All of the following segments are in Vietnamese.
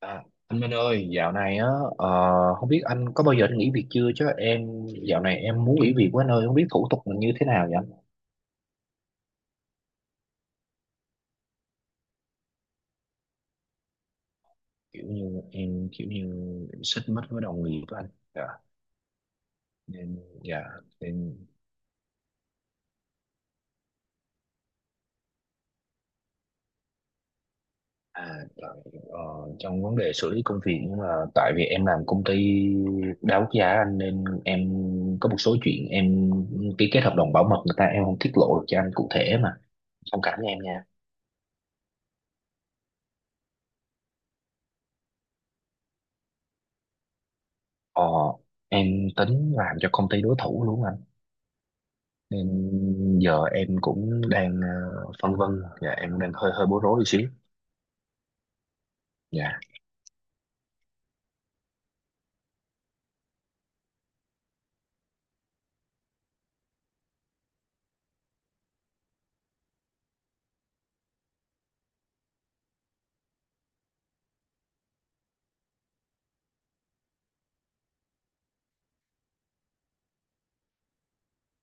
À, anh Minh ơi, dạo này á, ờ, không biết anh có bao giờ anh nghỉ việc chưa chứ em dạo này em muốn nghỉ việc quá anh ơi, không biết thủ tục là như thế nào vậy anh? Kiểu như em xích mích với đồng nghiệp của anh. Dạ, nên. Dạ, nên, à tại, ờ, trong vấn đề xử lý công việc, nhưng mà tại vì em làm công ty đa quốc gia anh, nên em có một số chuyện em ký kết hợp đồng bảo mật người ta, em không tiết lộ được cho anh cụ thể, mà thông cảm với em nha. Ờ, em tính làm cho công ty đối thủ luôn anh, nên giờ em cũng đang phân vân. Dạ, em đang hơi hơi bối rối một xíu. Dạ.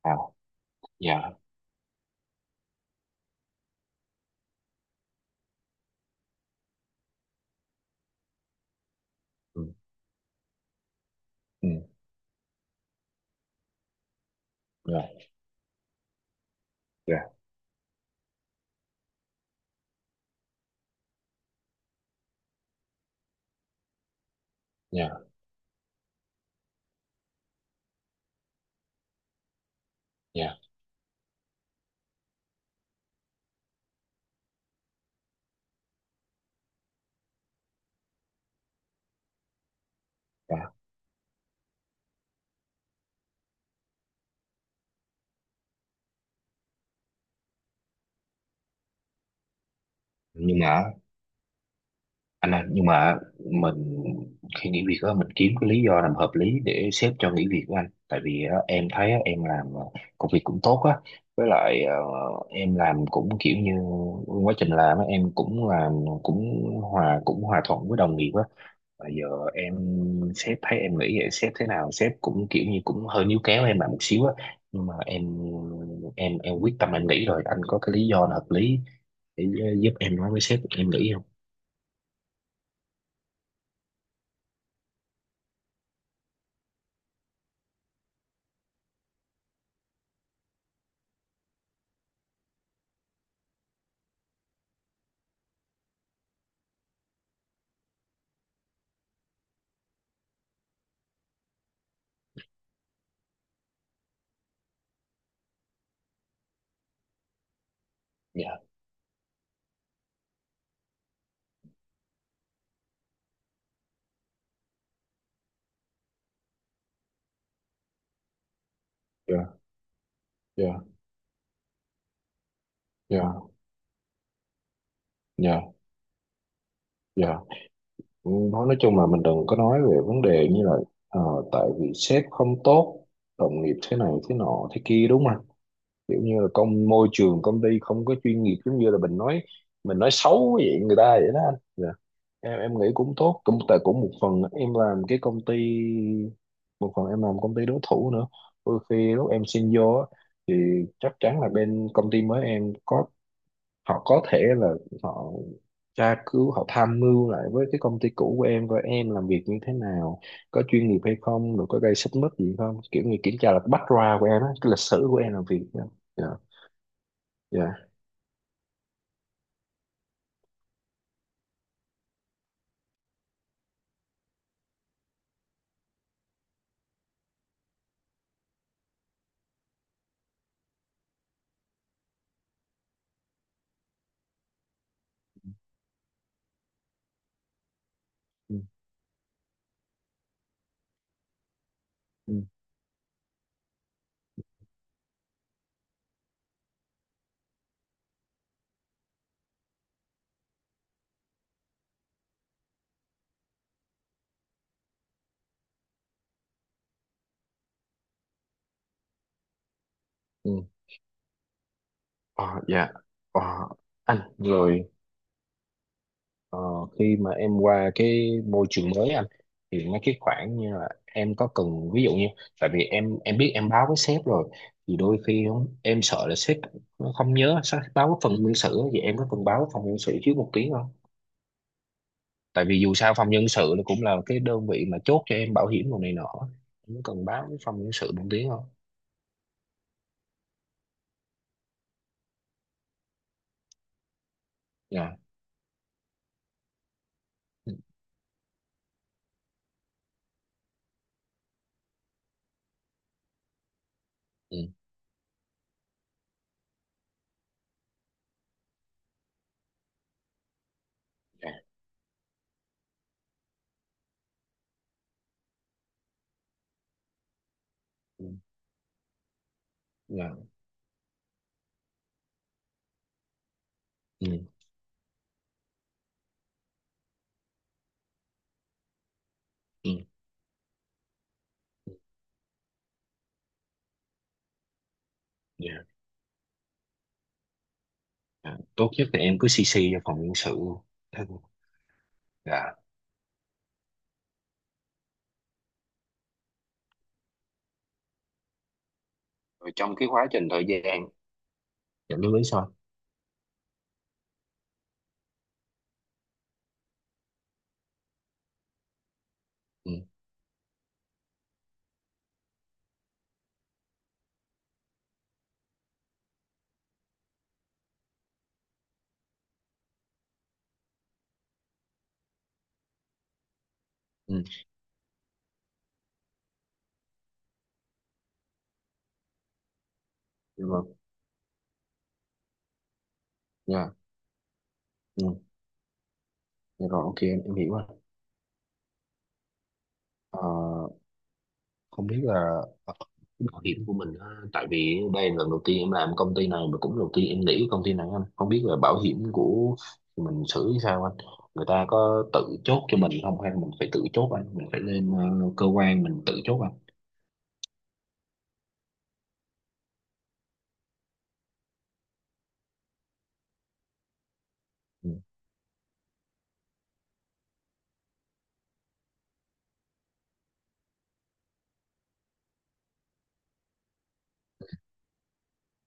À. Dạ. Ừ. Ừ. Dạ. Dạ. Dạ. Dạ. Dạ. Nhưng mà anh ơi, nhưng mà mình khi nghỉ việc á, mình kiếm cái lý do làm hợp lý để sếp cho nghỉ việc của anh, tại vì á, em thấy á, em làm công việc cũng tốt á, với lại em làm cũng kiểu như quá trình làm á, em cũng làm cũng hòa thuận với đồng nghiệp á. Và giờ em sếp thấy em nghĩ vậy, sếp thế nào sếp cũng kiểu như cũng hơi níu kéo em lại một xíu á, nhưng mà em quyết tâm em nghĩ rồi, anh có cái lý do nào hợp lý để giúp em nói với sếp em nghĩ không? Dạ. Dạ. Dạ. Dạ. Dạ. Dạ. Nói chung là mình đừng có nói về vấn đề như là ờ, tại vì sếp không tốt, đồng nghiệp thế này thế nọ thế kia, đúng không? Kiểu như là công môi trường công ty không có chuyên nghiệp, giống như là mình nói xấu vậy người ta vậy đó anh. Dạ. Em nghĩ cũng tốt, cũng tại cũng một phần em làm cái công ty, một phần em làm công ty đối thủ nữa. Đôi khi lúc em xin vô á, thì chắc chắn là bên công ty mới em có, họ có thể là họ tra cứu, họ tham mưu lại với cái công ty cũ của em coi em làm việc như thế nào, có chuyên nghiệp hay không, rồi có gây xích mích gì không, kiểu như kiểm tra là background của em á, cái lịch sử của em làm việc. Dạ. Dạ. Dạ. Ừ. Ừ. Ừ. Ờ, dạ. Ờ, anh rồi. Ờ, khi mà em qua cái môi trường mới anh, thì mấy cái khoản như là em có cần, ví dụ như, tại vì em biết em báo với sếp rồi, thì đôi khi không, em sợ là sếp nó không nhớ sao báo với phần nhân sự á, vậy em có cần báo với phòng nhân sự trước một tiếng không? Tại vì dù sao phòng nhân sự nó cũng là cái đơn vị mà chốt cho em bảo hiểm đồ này nọ, em có cần báo với phòng nhân sự một tiếng không? Dạ. Ừ. Ừ. Dạ. Ừ. Dạ. Ừ. Ừ, dạ. Dạ. Tốt nhất là em cứ CC cho phòng nhân sự. Dạ rồi, trong cái quá trình thời gian dẫn đến lý sao. Ừ. Ừ. Nhưng mà dạ, ừ. Dạ rồi, ok em, hiểu rồi. Ờ, không biết là cái bảo hiểm của mình á, tại vì đây là lần đầu tiên em làm công ty này mà cũng đầu tiên em nghĩ cái công ty này anh, không biết là bảo hiểm của mình xử như sao anh, người ta có tự chốt cho mình không hay mình phải tự chốt anh, mình phải lên cơ quan mình tự chốt anh? Ừ.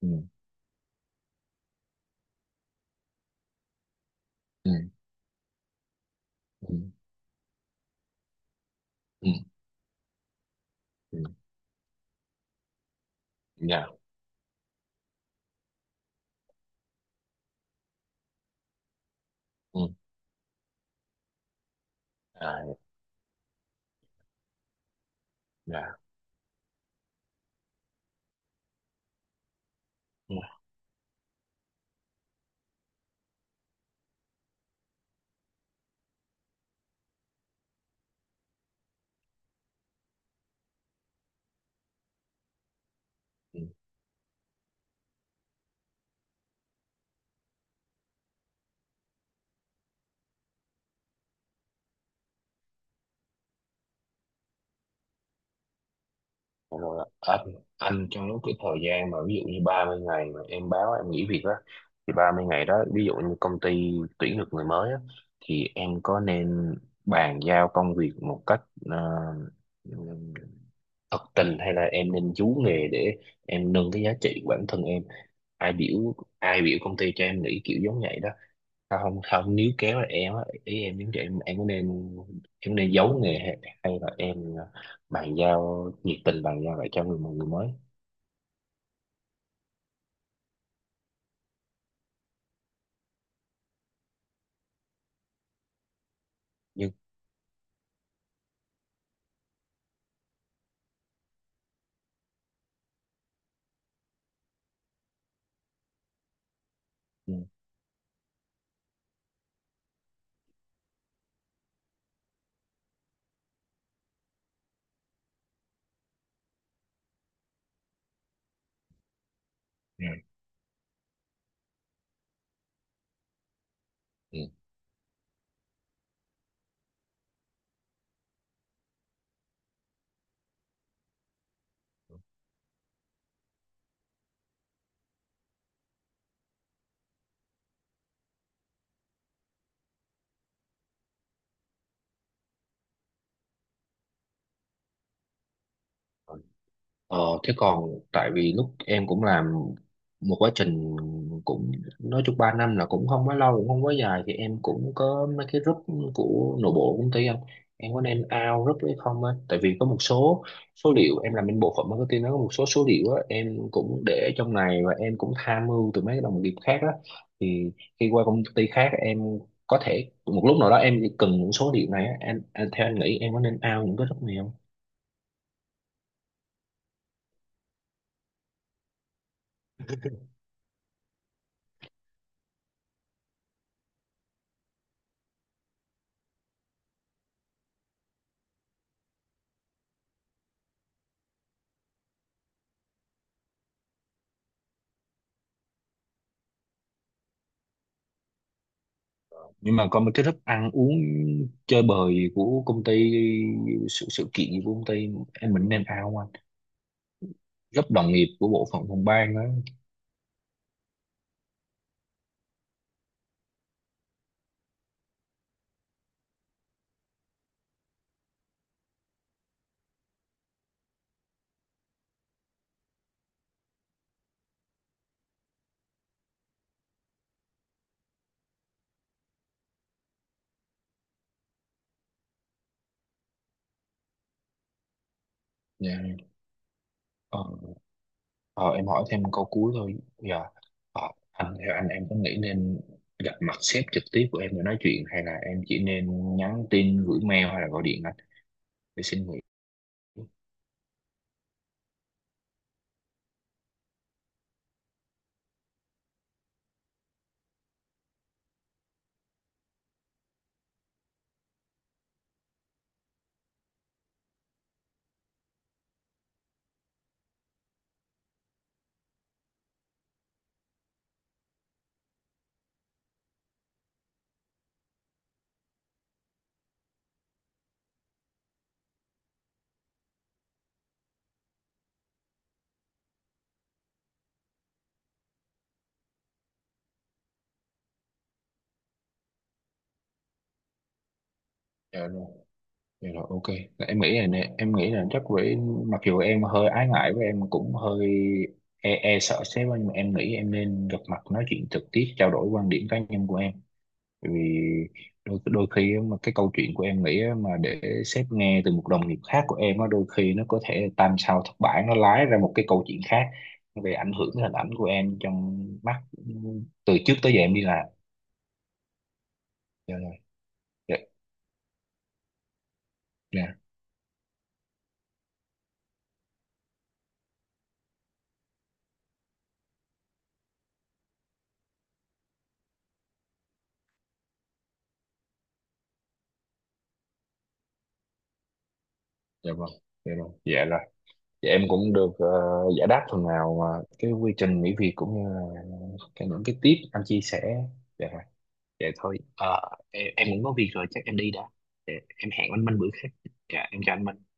Ừ. Ừ. Ừ. Ừ. Ừ. Dạ. Ừ. À. Dạ. Ừ. Rồi anh trong lúc cái thời gian mà ví dụ như 30 ngày mà em báo em nghỉ việc đó, thì 30 ngày đó ví dụ như công ty tuyển được người mới á, thì em có nên bàn giao công việc một cách ờ, thật tình, hay là em nên chú nghề để em nâng cái giá trị của bản thân em, ai biểu ai biểu công ty cho em nghỉ kiểu giống vậy đó. Tao không không nếu kéo là em á, ý em nếu em có nên, em nên giấu nghề hay, hay là em bàn giao nhiệt tình, bàn giao lại cho mọi người mới. Nhưng. Ừ. Ừ. Ừ. Thế còn tại vì lúc em cũng làm một quá trình, cũng nói chung 3 năm là cũng không quá lâu cũng không quá dài, thì em cũng có mấy cái group của nội bộ công ty anh, em có nên out group hay không á, tại vì có một số số liệu em làm bên bộ phận marketing, nó có một số số liệu á em cũng để trong này, và em cũng tham mưu từ mấy cái đồng nghiệp khác á, thì khi qua công ty khác em có thể một lúc nào đó em cần những số liệu này á, em theo anh nghĩ em có nên out những cái group này không? Nhưng mà có một cái thức ăn uống, chơi bời của công ty, sự sự kiện của công ty, em mình nên ao anh, rất đồng nghiệp của bộ phận phòng ban đó. Dạ. ờ, ờ, em hỏi thêm câu cuối thôi dạ. Anh theo anh, em có nghĩ nên gặp mặt sếp trực tiếp của em để nói chuyện, hay là em chỉ nên nhắn tin gửi mail hay là gọi điện anh, để xin nghỉ? Dạ. Dạ rồi, ok. Em nghĩ là nè, em nghĩ là chắc với, mặc dù em hơi ái ngại với em cũng hơi e sợ sếp á, nhưng mà em nghĩ em nên gặp mặt nói chuyện trực tiếp trao đổi quan điểm cá nhân của em. Bởi vì đôi đôi khi á, mà cái câu chuyện của em nghĩ á, mà để sếp nghe từ một đồng nghiệp khác của em á, đôi khi nó có thể tam sao thất bản, nó lái ra một cái câu chuyện khác về ảnh hưởng đến hình ảnh của em trong mắt từ trước tới giờ em đi làm. Dạ rồi. Dạ. Dạ. Dạ vâng. Dạ rồi. Dạ rồi. Dạ, em cũng được giải đáp phần nào mà cái quy trình nghỉ việc, cũng như là cái, những cái tip anh chia sẻ. Dạ rồi. Vậy thôi em, cũng có việc rồi chắc em đi đã. Dạ, em hẹn anh Minh bữa khác. Dạ em chào anh Minh.